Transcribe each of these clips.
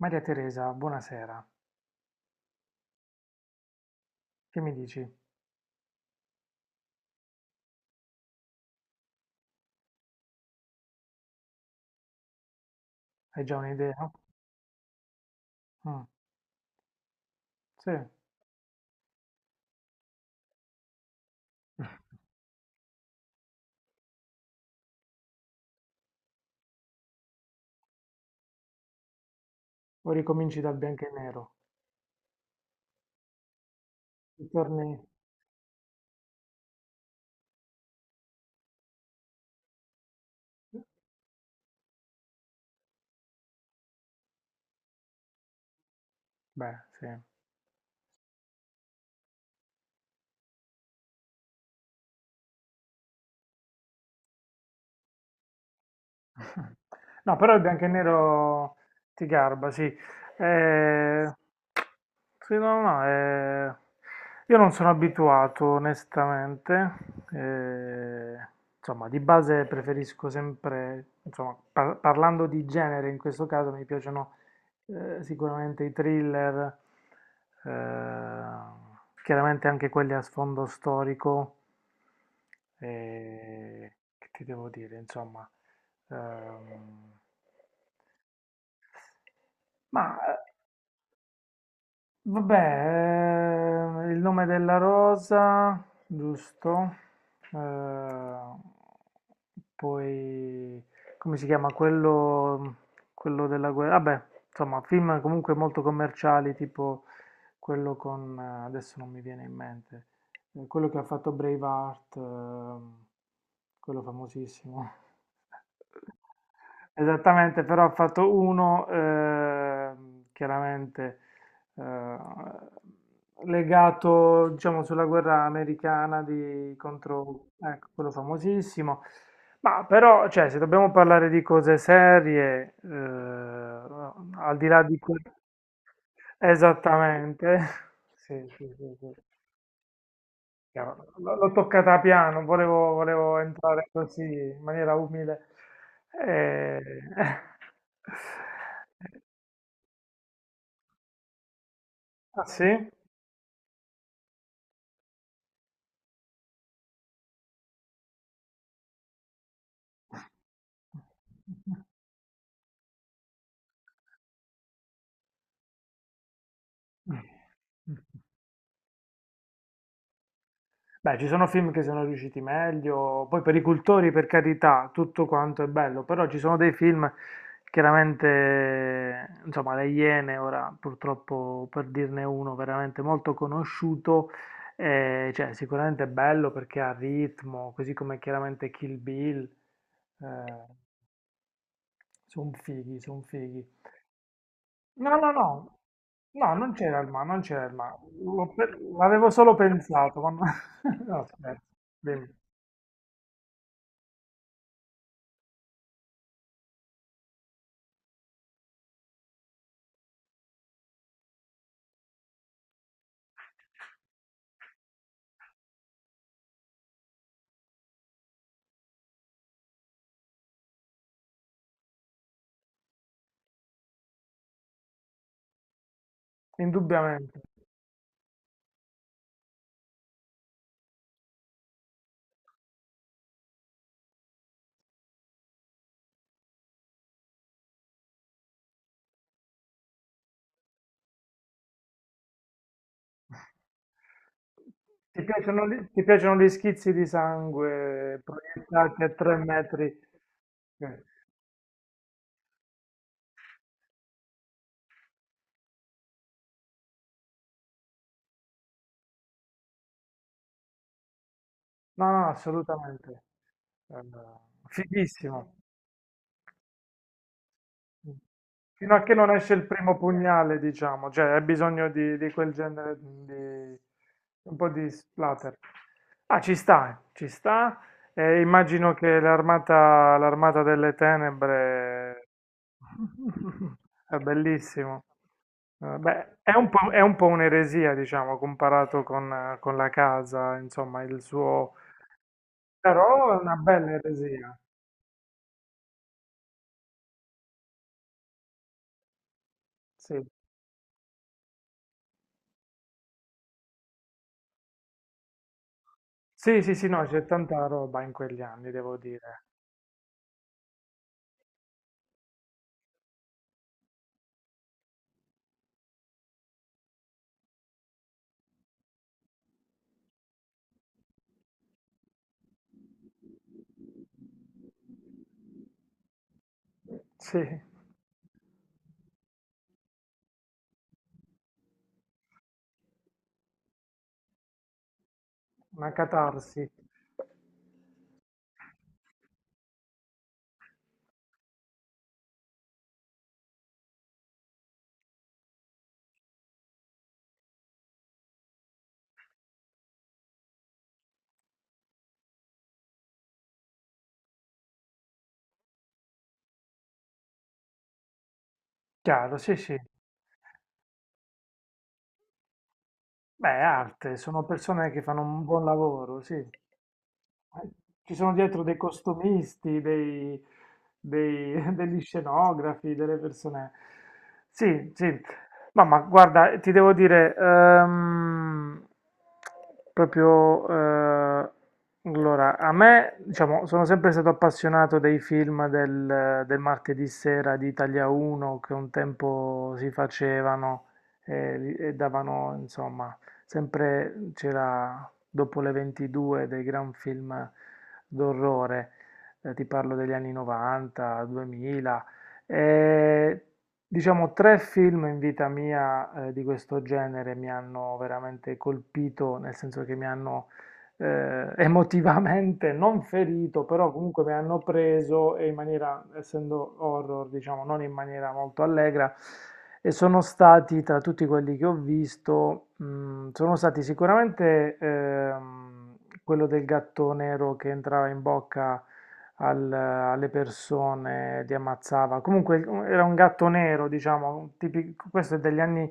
Maria Teresa, buonasera. Che mi dici? Hai già un'idea? Mm, sì. O ricominci dal bianco e nero? Ritorni? Beh, sì. No, però il bianco e nero ti garba, sì. Eh, sì, no, no, io non sono abituato, onestamente. Eh, insomma, di base preferisco sempre, insomma, parlando di genere, in questo caso mi piacciono sicuramente i thriller, chiaramente anche quelli a sfondo storico. eh, che ti devo dire, insomma. Ehm, ma, vabbè, il nome della rosa, giusto? Eh, poi, come si chiama? Quello della guerra. Vabbè, insomma, film comunque molto commerciali, tipo adesso non mi viene in mente. Quello che ha fatto Braveheart, quello famosissimo. Esattamente, però ha fatto uno, chiaramente, legato, diciamo, sulla guerra americana contro, ecco, quello famosissimo. Ma però, cioè, se dobbiamo parlare di cose serie, al di là di que- Esattamente. Sì, sì, sì, sì. Chiaro, L'ho toccata piano, volevo entrare così in maniera umile. Eh, Ah, sì? Beh, ci sono film che sono riusciti meglio, poi per i cultori, per carità, tutto quanto è bello, però ci sono dei film, chiaramente, insomma, Le Iene, ora purtroppo per dirne uno veramente molto conosciuto, cioè sicuramente è bello perché ha ritmo, così come chiaramente Kill Bill, eh, sono fighi, sono fighi. No, no, no, no, non c'era il ma, non c'era il ma. L'avevo solo pensato, ma no, no, scherzo, dimmi. Indubbiamente. Ti piacciono gli schizzi di sangue proiettati a 3 metri? Eh, No, no, assolutamente. Eh, Fighissimo. Fino a che non esce il primo pugnale, diciamo, cioè hai bisogno di quel genere di un po' di splatter. Ah, ci sta, ci sta. E immagino che l'armata delle tenebre è bellissimo. Beh, è un po' un'eresia, diciamo, comparato con la casa, insomma, il suo... Però è una bella eresia, sì. Sì, sì, sì, no, c'è tanta roba in quegli anni, devo dire. Sì, una catarsi. Chiaro, sì, sì. Beh, è arte, sono persone che fanno un buon lavoro, sì. Ci sono dietro dei costumisti, degli scenografi, delle persone. Sì, sì. No, ma guarda, ti devo dire, proprio, allora, a me, diciamo, sono sempre stato appassionato dei film del martedì sera di Italia 1 che un tempo si facevano e davano, insomma, sempre c'era dopo le 22 dei gran film d'orrore, ti parlo degli anni 90, 2000, e diciamo tre film in vita mia, di questo genere mi hanno veramente colpito, nel senso che mi hanno emotivamente non ferito, però comunque mi hanno preso e in maniera, essendo horror, diciamo, non in maniera molto allegra. E sono stati, tra tutti quelli che ho visto, sono stati sicuramente, quello del gatto nero che entrava in bocca alle persone, li ammazzava. Comunque era un gatto nero, diciamo, questo è degli anni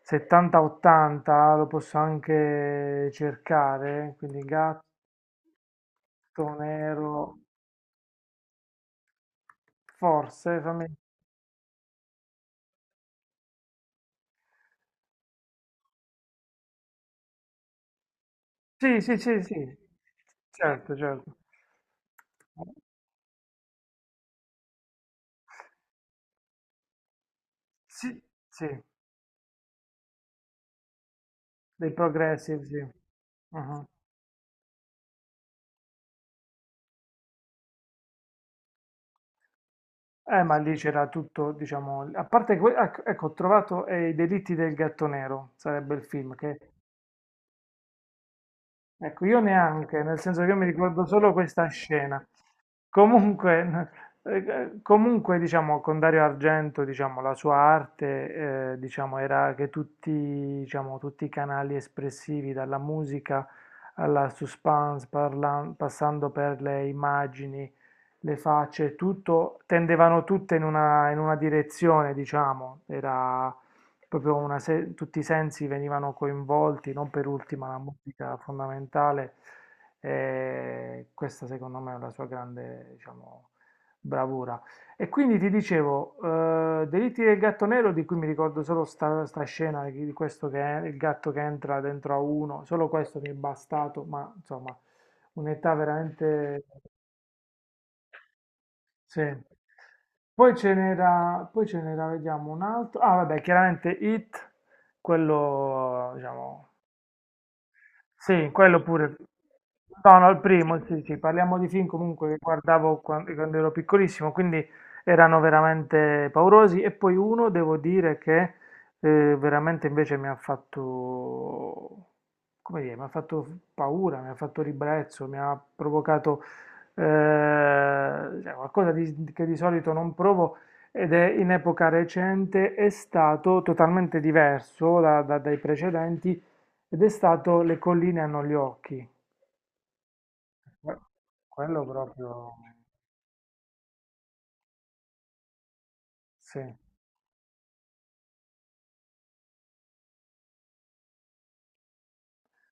70-80, lo posso anche cercare, quindi gatto nero, forse, fammi... Sì, sì, sì, sì, certo, certo. Sì, sì, dei progressive, sì. Mhm. Ma lì c'era tutto, diciamo, a parte ecco, ho trovato, I delitti del gatto nero, sarebbe il film, che ecco, io neanche, nel senso che io mi ricordo solo questa scena. Comunque, n- comunque, diciamo, con Dario Argento, diciamo, la sua arte, diciamo, era che tutti, diciamo, tutti i canali espressivi, dalla musica alla suspense, passando per le immagini, le facce, tutto, tendevano tutte in una direzione, diciamo, era proprio una se- tutti i sensi venivano coinvolti, non per ultima la musica fondamentale. E questa secondo me è la sua grande, diciamo, bravura. E quindi ti dicevo, Delitti del gatto nero, di cui mi ricordo solo sta scena di questo che è il gatto che entra dentro a uno, solo questo mi è bastato, ma insomma, un'età veramente... Sì. Poi ce n'era, vediamo un altro. Ah, vabbè, chiaramente It, quello, diciamo, sì, quello pure. No, no, il primo, sì, sì, parliamo di film comunque che guardavo quando ero piccolissimo, quindi erano veramente paurosi. E poi uno, devo dire che, veramente invece mi ha fatto, come dire, mi ha fatto paura, mi ha fatto ribrezzo, mi ha provocato, eh, cioè, qualcosa che di solito non provo ed è in epoca recente, è stato totalmente diverso dai precedenti ed è stato Le colline hanno gli occhi. Que- Quello proprio, sì.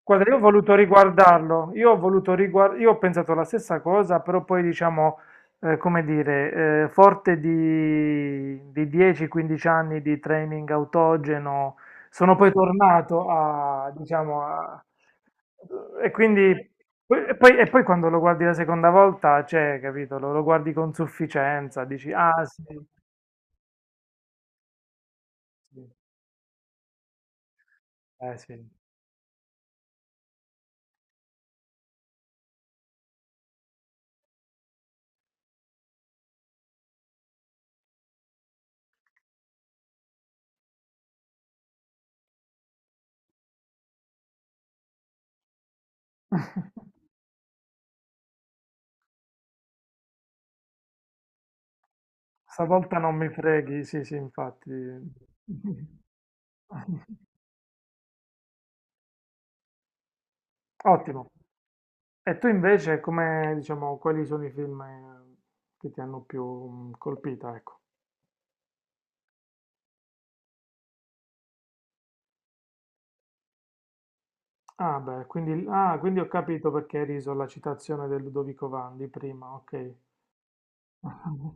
Guarda, io ho voluto riguardarlo, io ho pensato la stessa cosa, però poi diciamo, come dire, forte di 10-15 anni di training autogeno, sono poi tornato a, diciamo, e quindi... E poi quando lo guardi la seconda volta, cioè, capito, lo guardi con sufficienza, dici, ah sì, sì, eh sì. Stavolta non mi freghi, sì, sì, infatti. Ottimo. E tu invece, come, diciamo, quali sono i film, che ti hanno più, colpita, ecco? Ah, beh, quindi ho capito perché hai riso alla citazione del Ludovico Vandi prima, ok.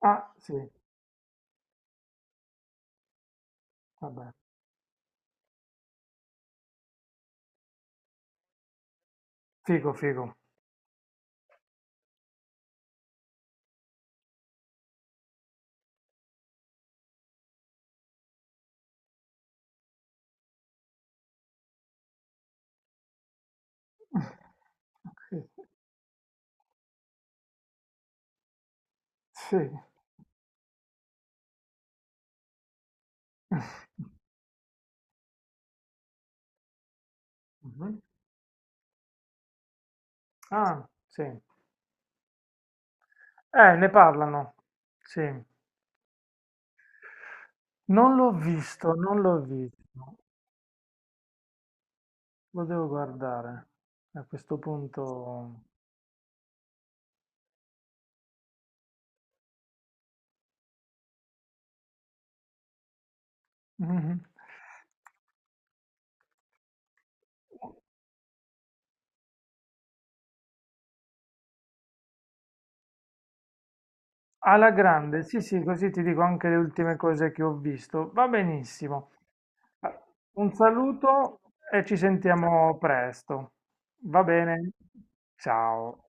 Ah, sì, vabbè. Figo, figo. Ok. Sì. Mhm. Ah, sì. Ne parlano. Sì. Non l'ho visto, non l'ho visto, lo devo guardare a questo punto. Mhm. Alla grande, sì, sì, così ti dico anche le ultime cose che ho visto. Va benissimo. Un saluto e ci sentiamo presto. Va bene? Ciao.